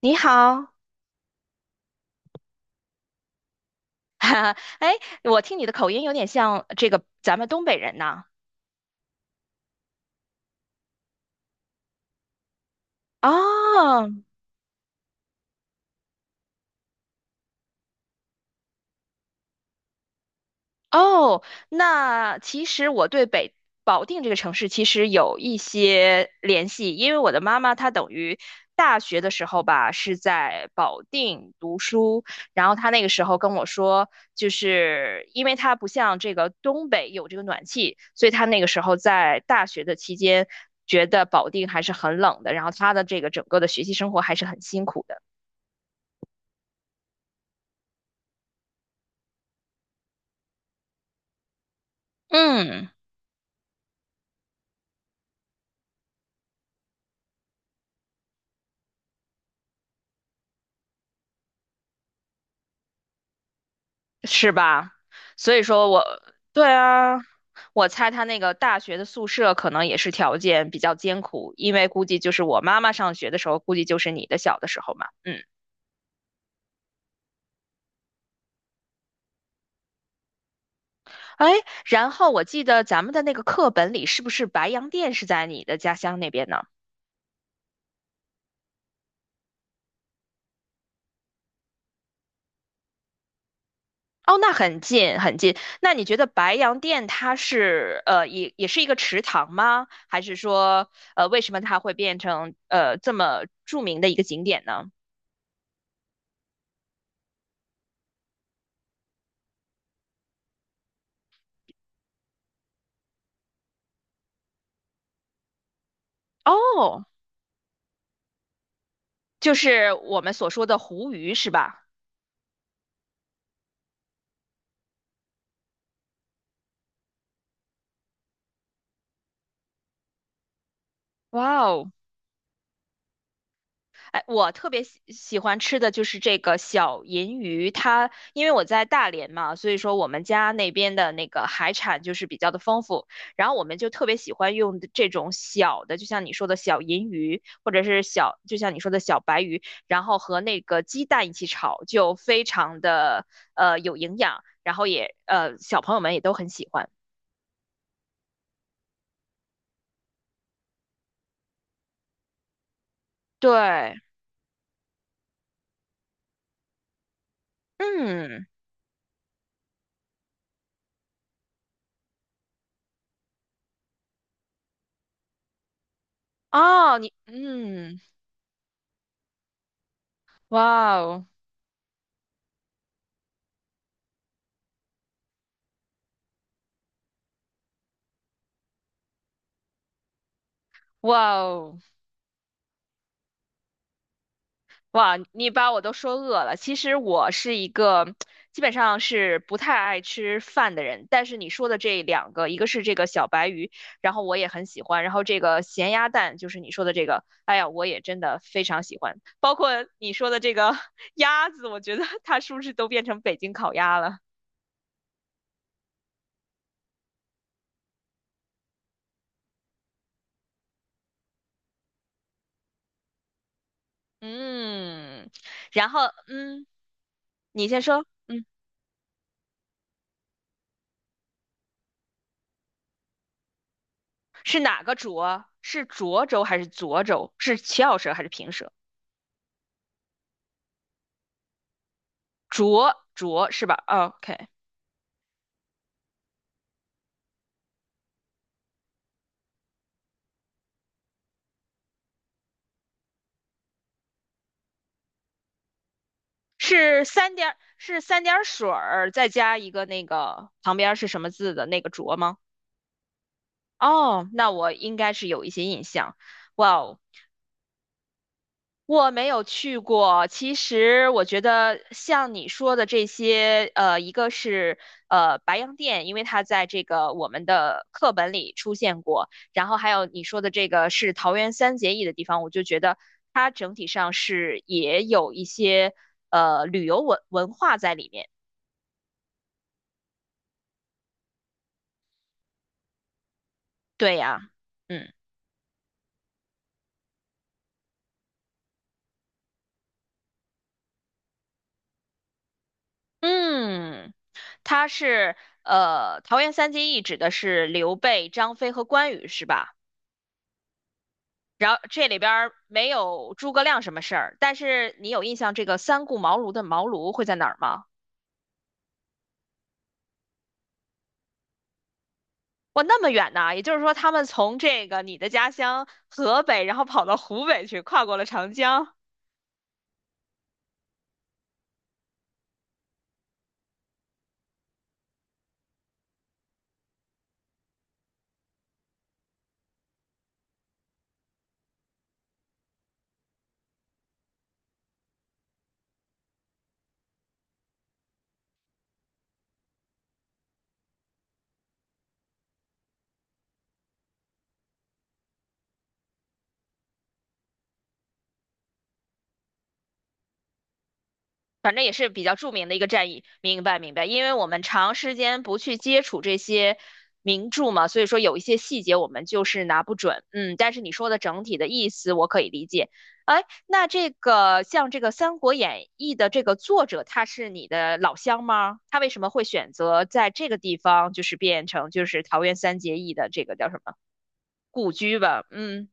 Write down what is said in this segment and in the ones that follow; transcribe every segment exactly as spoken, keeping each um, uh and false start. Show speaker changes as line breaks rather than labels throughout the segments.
你好，哈哈，哎，我听你的口音有点像这个咱们东北人呐。哦，哦，那其实我对北保定这个城市其实有一些联系，因为我的妈妈她等于大学的时候吧是在保定读书，然后她那个时候跟我说，就是因为她不像这个东北有这个暖气，所以她那个时候在大学的期间觉得保定还是很冷的，然后她的这个整个的学习生活还是很辛苦的。嗯。是吧？所以说我，对啊，我猜他那个大学的宿舍可能也是条件比较艰苦，因为估计就是我妈妈上学的时候，估计就是你的小的时候嘛。嗯，哎，然后我记得咱们的那个课本里是不是白洋淀是在你的家乡那边呢？哦，那很近很近。那你觉得白洋淀它是呃也也是一个池塘吗？还是说呃为什么它会变成呃这么著名的一个景点呢？哦，就是我们所说的湖鱼是吧？哇哦，哎，我特别喜喜欢吃的就是这个小银鱼，它因为我在大连嘛，所以说我们家那边的那个海产就是比较的丰富，然后我们就特别喜欢用这种小的，就像你说的小银鱼，或者是小，就像你说的小白鱼，然后和那个鸡蛋一起炒，就非常的呃有营养，然后也呃小朋友们也都很喜欢。对，嗯，哦，你嗯。哇哦，哇哦，哇！你把我都说饿了。其实我是一个基本上是不太爱吃饭的人，但是你说的这两个，一个是这个小白鱼，然后我也很喜欢，然后这个咸鸭蛋就是你说的这个，哎呀，我也真的非常喜欢。包括你说的这个 鸭子，我觉得 它是不是都变成北京烤鸭了？嗯，然后嗯，你先说，嗯，是哪个涿啊是涿州还是涿州？是翘舌还是平舌？浊浊是吧 o k 是三点是三点水儿再加一个那个旁边是什么字的那个浊吗？哦，那我应该是有一些印象。哇哦，我没有去过，其实我觉得像你说的这些，呃，一个是呃白洋淀，因为它在这个我们的课本里出现过，然后还有你说的这个是桃园三结义的地方，我就觉得它整体上是也有一些呃旅游文文化在里面。对呀，嗯嗯，它是呃桃园三结义指的是刘备、张飞和关羽，是吧？然后这里边儿没有诸葛亮什么事儿，但是你有印象这个三顾茅庐的茅庐会在哪儿吗？哇，那么远呢！也就是说，他们从这个你的家乡河北，然后跑到湖北去，跨过了长江。反正也是比较著名的一个战役。明白，明白。因为我们长时间不去接触这些名著嘛，所以说有一些细节我们就是拿不准。嗯，但是你说的整体的意思我可以理解。哎，那这个像这个《三国演义》的这个作者，他是你的老乡吗？他为什么会选择在这个地方，就是变成就是桃园三结义的这个叫什么故居吧？嗯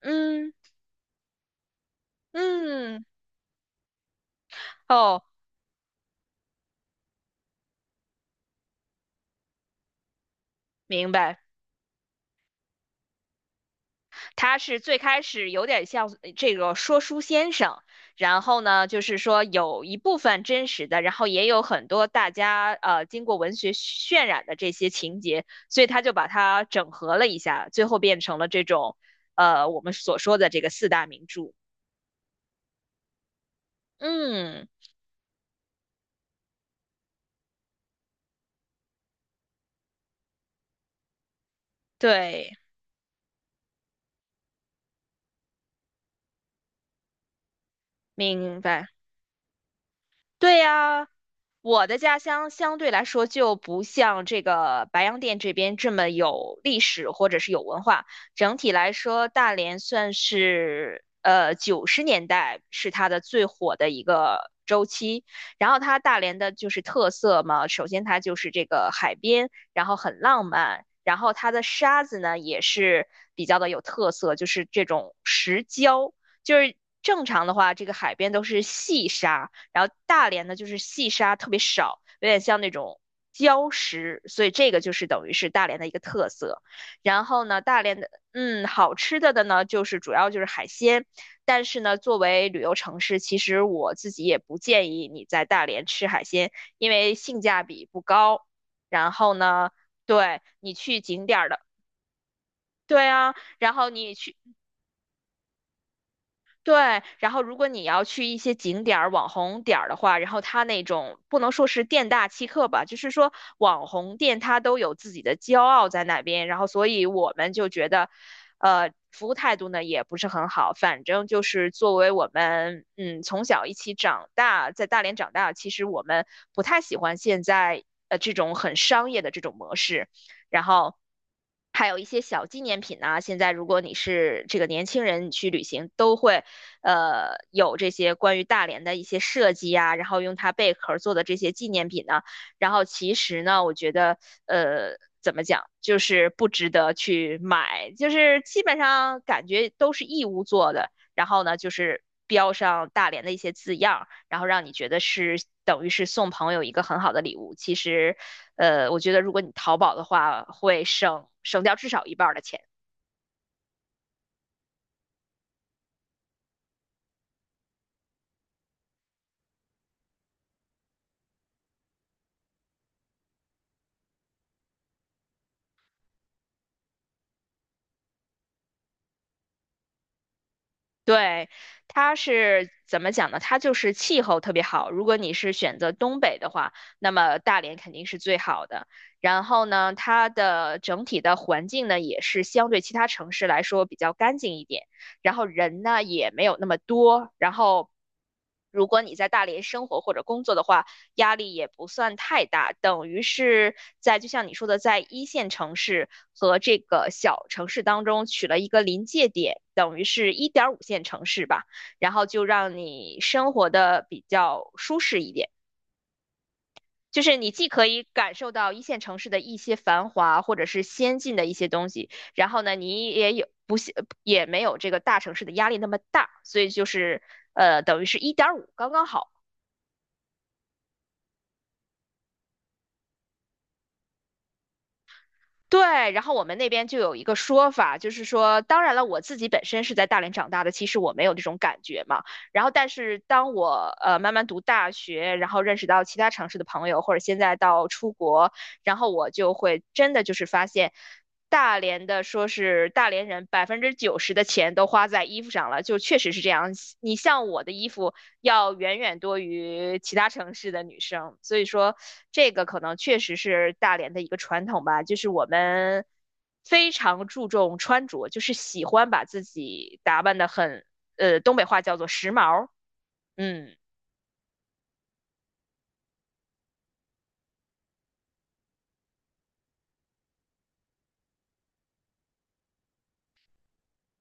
嗯嗯，哦，明白。他是最开始有点像呃这个说书先生，然后呢，就是说有一部分真实的，然后也有很多大家呃经过文学渲染的这些情节，所以他就把它整合了一下，最后变成了这种呃我们所说的这个四大名著。嗯，对，明白。对呀，我的家乡相对来说就不像这个白洋淀这边这么有历史或者是有文化。整体来说，大连算是呃九十年代是它的最火的一个周期。然后它大连的就是特色嘛，首先它就是这个海边，然后很浪漫，然后它的沙子呢也是比较的有特色，就是这种石胶。就是正常的话，这个海边都是细沙，然后大连呢就是细沙特别少，有点像那种礁石，所以这个就是等于是大连的一个特色。然后呢，大连的嗯好吃的的呢，就是主要就是海鲜，但是呢，作为旅游城市，其实我自己也不建议你在大连吃海鲜，因为性价比不高。然后呢，对你去景点儿的。对啊，然后你去对，然后如果你要去一些景点儿、网红点儿的话，然后它那种不能说是店大欺客吧，就是说网红店它都有自己的骄傲在那边，然后所以我们就觉得，呃，服务态度呢也不是很好，反正就是作为我们嗯从小一起长大，在大连长大，其实我们不太喜欢现在呃这种很商业的这种模式，然后。还有一些小纪念品啊，现在如果你是这个年轻人，你去旅行都会呃有这些关于大连的一些设计啊，然后用它贝壳做的这些纪念品呢，然后其实呢，我觉得呃怎么讲，就是不值得去买，就是基本上感觉都是义乌做的，然后呢就是标上大连的一些字样，然后让你觉得是等于是送朋友一个很好的礼物。其实，呃，我觉得如果你淘宝的话，会省省掉至少一半儿的钱。对，它是怎么讲呢？它就是气候特别好。如果你是选择东北的话，那么大连肯定是最好的。然后呢，它的整体的环境呢，也是相对其他城市来说比较干净一点。然后人呢，也没有那么多。然后，如果你在大连生活或者工作的话，压力也不算太大，等于是在就像你说的，在一线城市和这个小城市当中取了一个临界点，等于是一点五线城市吧，然后就让你生活的比较舒适一点。就是你既可以感受到一线城市的一些繁华或者是先进的一些东西，然后呢，你也有不也没有这个大城市的压力那么大，所以就是呃，等于是一点五刚刚好。对，然后我们那边就有一个说法，就是说，当然了，我自己本身是在大连长大的，其实我没有这种感觉嘛。然后，但是当我呃慢慢读大学，然后认识到其他城市的朋友，或者现在到出国，然后我就会真的就是发现，大连的说是大连人百分之九十的钱都花在衣服上了，就确实是这样。你像我的衣服。要远远多于其他城市的女生，所以说这个可能确实是大连的一个传统吧，就是我们非常注重穿着，就是喜欢把自己打扮得很，呃，东北话叫做时髦，嗯。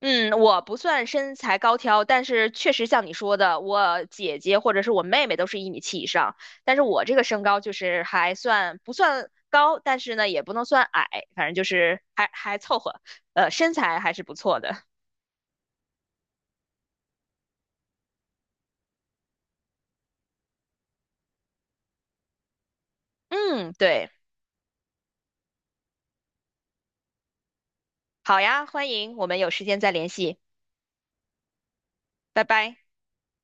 嗯，我不算身材高挑，但是确实像你说的，我姐姐或者是我妹妹都是一米七以上，但是我这个身高就是还算不算高，但是呢也不能算矮，反正就是还还凑合，呃，身材还是不错的。嗯，对，好呀，欢迎，我们有时间再联系，拜拜。